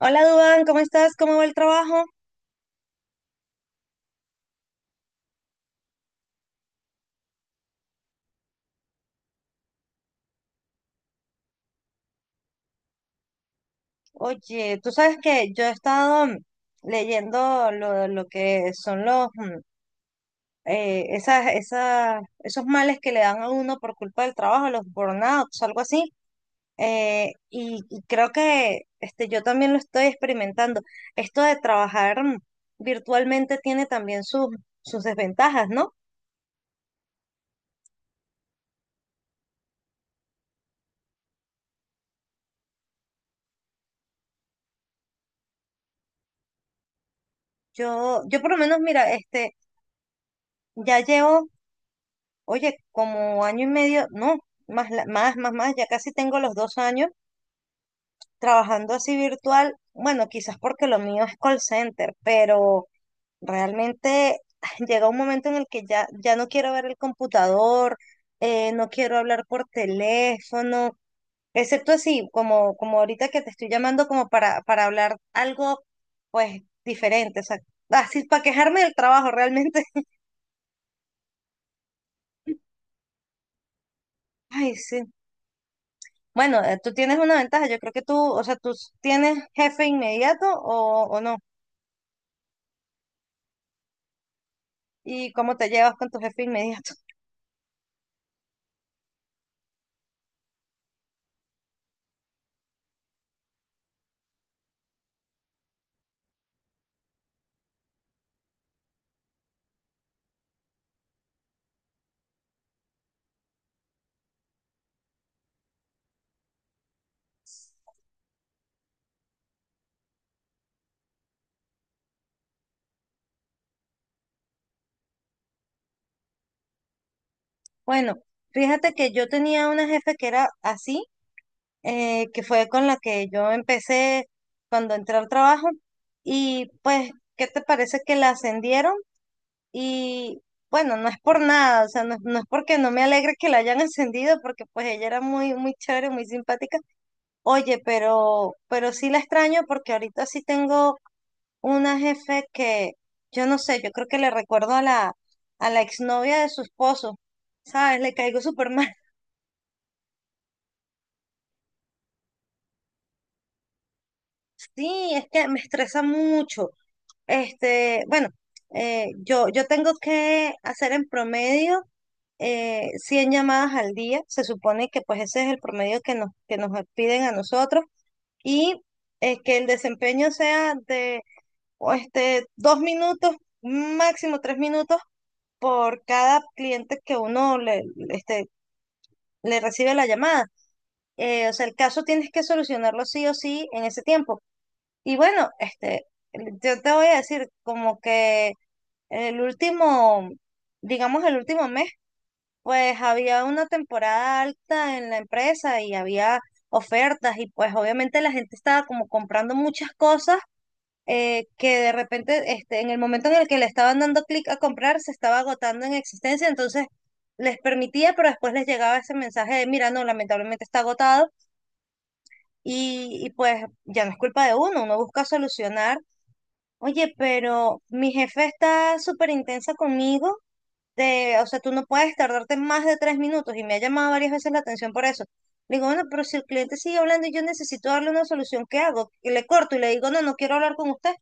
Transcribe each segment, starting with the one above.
Hola Dubán, ¿cómo estás? ¿Cómo va el trabajo? Oye, tú sabes que yo he estado leyendo lo que son los esos males que le dan a uno por culpa del trabajo, los burnouts, algo así. Y creo que este, yo también lo estoy experimentando. Esto de trabajar virtualmente tiene también sus desventajas, ¿no? Yo por lo menos, mira, este, ya llevo, oye, como año y medio, no, más, más, ya casi tengo los 2 años trabajando así virtual. Bueno, quizás porque lo mío es call center, pero realmente llega un momento en el que ya no quiero ver el computador, no quiero hablar por teléfono, excepto así, como ahorita que te estoy llamando como para hablar algo, pues, diferente, o sea, así para quejarme del trabajo realmente. Ay, sí. Bueno, tú tienes una ventaja, yo creo que tú, o sea, tú tienes jefe inmediato o no. ¿Y cómo te llevas con tu jefe inmediato? Bueno, fíjate que yo tenía una jefe que era así, que fue con la que yo empecé cuando entré al trabajo. Y pues, ¿qué te parece que la ascendieron? Y bueno, no es por nada, o sea, no, no es porque no me alegre que la hayan ascendido, porque pues ella era muy, muy chévere, muy simpática. Oye, pero sí la extraño porque ahorita sí tengo una jefe que, yo no sé, yo creo que le recuerdo a la exnovia de su esposo, ¿sabes? Le caigo súper mal. Sí, es que me estresa mucho. Este, bueno, yo tengo que hacer en promedio 100 llamadas al día. Se supone que pues ese es el promedio que nos piden a nosotros. Y que el desempeño sea de o este, 2 minutos, máximo 3 minutos por cada cliente que uno le, este, le recibe la llamada. O sea, el caso tienes que solucionarlo sí o sí en ese tiempo. Y bueno, este, yo te voy a decir como que el último, digamos el último mes, pues había una temporada alta en la empresa y había ofertas y pues obviamente la gente estaba como comprando muchas cosas que de repente este, en el momento en el que le estaban dando clic a comprar se estaba agotando en existencia, entonces les permitía, pero después les llegaba ese mensaje de, mira, no, lamentablemente está agotado. Y pues ya no es culpa de uno, uno busca solucionar. Oye, pero mi jefe está súper intensa conmigo, o sea, tú no puedes tardarte más de 3 minutos y me ha llamado varias veces la atención por eso. Le digo, bueno, pero si el cliente sigue hablando y yo necesito darle una solución, ¿qué hago? Y le corto y le digo, no, no quiero hablar con usted.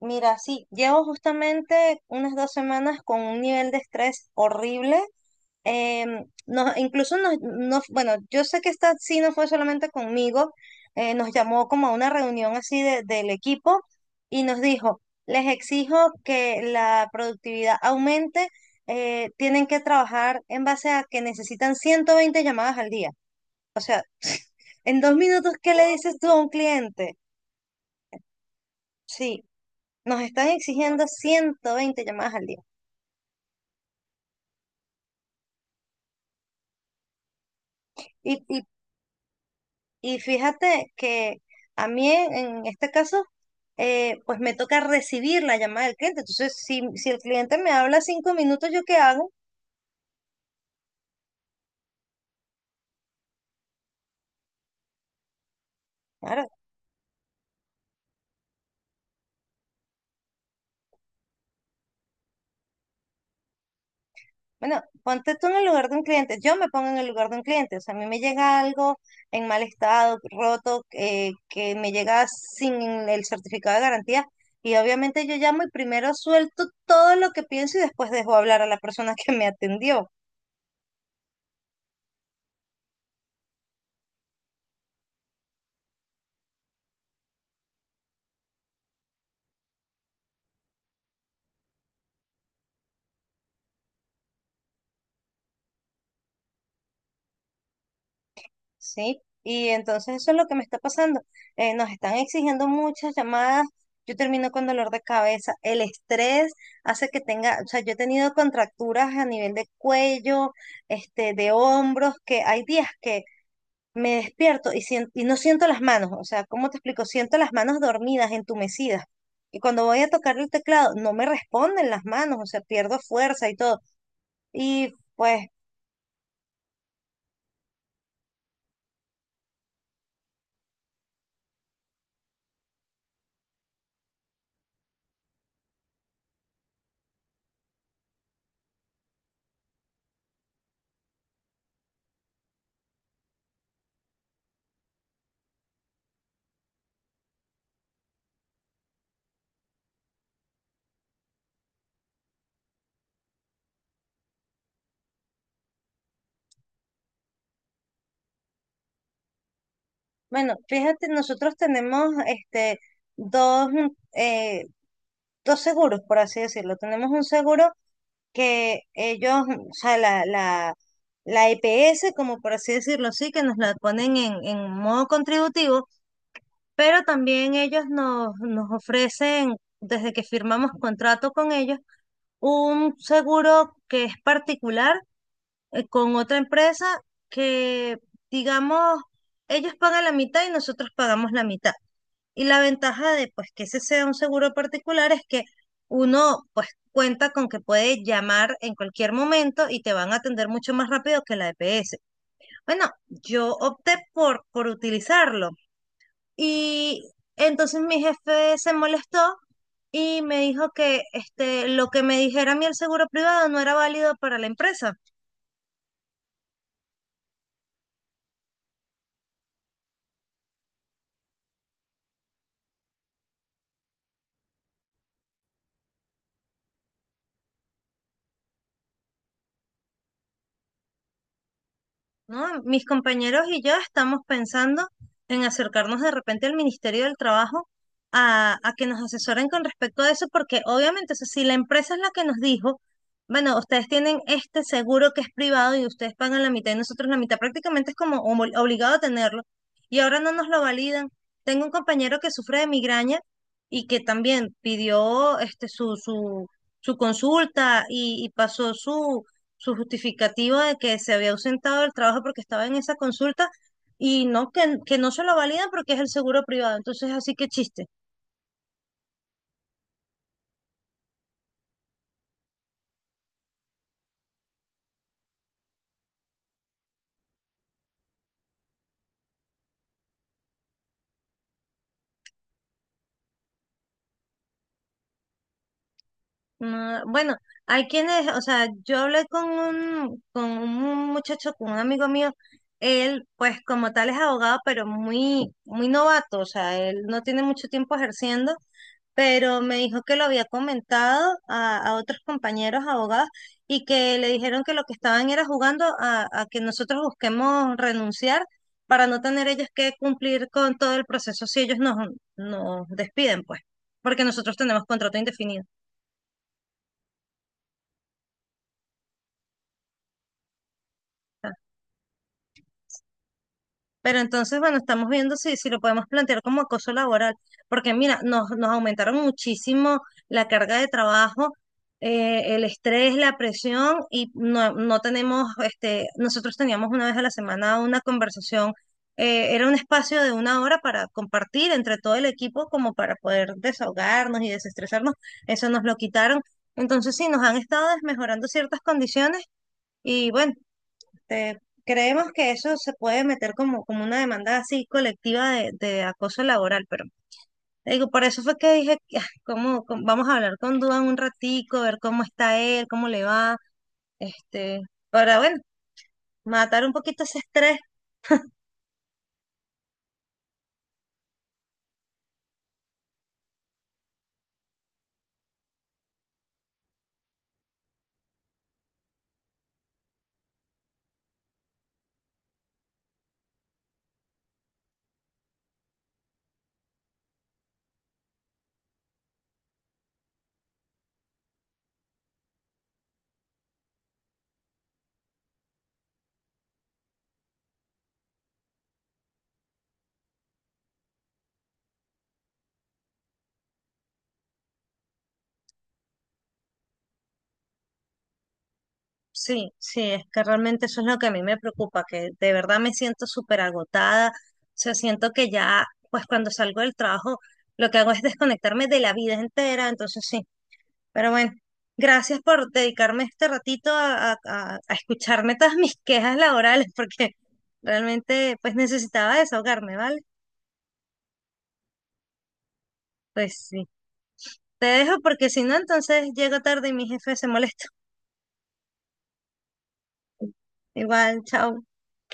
Mira, sí, llevo justamente unas 2 semanas con un nivel de estrés horrible. Incluso bueno, yo sé que esta sí no fue solamente conmigo, nos llamó como a una reunión así del equipo y nos dijo, les exijo que la productividad aumente, tienen que trabajar en base a que necesitan 120 llamadas al día. En 2 minutos, ¿qué le dices tú a un cliente? Sí, nos están exigiendo 120 llamadas al día. Y, y Y fíjate que a mí en este caso, pues me toca recibir la llamada del cliente. Entonces, si el cliente me habla 5 minutos, ¿yo qué hago? Claro, bueno, ponte tú en el lugar de un cliente. Yo me pongo en el lugar de un cliente. O sea, a mí me llega algo en mal estado, roto, que me llega sin el certificado de garantía. Y obviamente yo llamo y primero suelto todo lo que pienso y después dejo hablar a la persona que me atendió. Sí, y entonces eso es lo que me está pasando. Nos están exigiendo muchas llamadas. Yo termino con dolor de cabeza. El estrés hace que tenga, o sea, yo he tenido contracturas a nivel de cuello, este, de hombros, que hay días que me despierto y, y no siento las manos. O sea, ¿cómo te explico? Siento las manos dormidas, entumecidas. Y cuando voy a tocar el teclado, no me responden las manos, o sea, pierdo fuerza y todo. Y pues Bueno, fíjate, nosotros tenemos este dos, mm, eh, dos seguros, por así decirlo. Tenemos un seguro que ellos, o sea, la EPS, como por así decirlo, sí, que nos la ponen en modo contributivo, pero también ellos nos ofrecen, desde que firmamos contrato con ellos, un seguro que es particular, con otra empresa que, digamos, ellos pagan la mitad y nosotros pagamos la mitad. Y la ventaja de pues que ese sea un seguro particular es que uno pues cuenta con que puede llamar en cualquier momento y te van a atender mucho más rápido que la EPS. Bueno, yo opté por utilizarlo y entonces mi jefe se molestó y me dijo que este, lo que me dijera a mí el seguro privado no era válido para la empresa. ¿No? Mis compañeros y yo estamos pensando en acercarnos de repente al Ministerio del Trabajo a que nos asesoren con respecto a eso, porque obviamente, o sea, si la empresa es la que nos dijo, bueno, ustedes tienen este seguro que es privado y ustedes pagan la mitad y nosotros la mitad, prácticamente es como obligado a tenerlo, y ahora no nos lo validan. Tengo un compañero que sufre de migraña y que también pidió este, su consulta y pasó su justificativa de que se había ausentado del trabajo porque estaba en esa consulta y no, que no se lo validan porque es el seguro privado. Entonces, así que chiste. No, bueno, hay quienes, o sea, yo hablé con un muchacho, con un amigo mío, él pues como tal es abogado, pero muy, muy novato, o sea, él no tiene mucho tiempo ejerciendo pero me dijo que lo había comentado a otros compañeros abogados y que le dijeron que lo que estaban era jugando a que nosotros busquemos renunciar para no tener ellos que cumplir con todo el proceso si ellos nos despiden, pues, porque nosotros tenemos contrato indefinido. Pero entonces, bueno, estamos viendo si lo podemos plantear como acoso laboral, porque mira, nos aumentaron muchísimo la carga de trabajo, el estrés, la presión, y no, no tenemos, este, nosotros teníamos una vez a la semana una conversación, era un espacio de una hora para compartir entre todo el equipo, como para poder desahogarnos y desestresarnos, eso nos lo quitaron. Entonces, sí, nos han estado desmejorando ciertas condiciones y bueno. Este, creemos que eso se puede meter como una demanda así colectiva de acoso laboral, pero te digo, por eso fue que dije, como vamos a hablar con Duan un ratico, ver cómo está él, cómo le va, este, para, bueno, matar un poquito ese estrés. Sí, sí, es que realmente eso es lo que a mí me preocupa, que de verdad me siento súper agotada, o sea, siento que ya, pues cuando salgo del trabajo, lo que hago es desconectarme de la vida entera, entonces. Pero bueno, gracias por dedicarme este ratito a escucharme todas mis quejas laborales, porque realmente pues necesitaba desahogarme, ¿vale? Pues sí. Te dejo porque si no, entonces llego tarde y mi jefe se molesta. Igual, chao.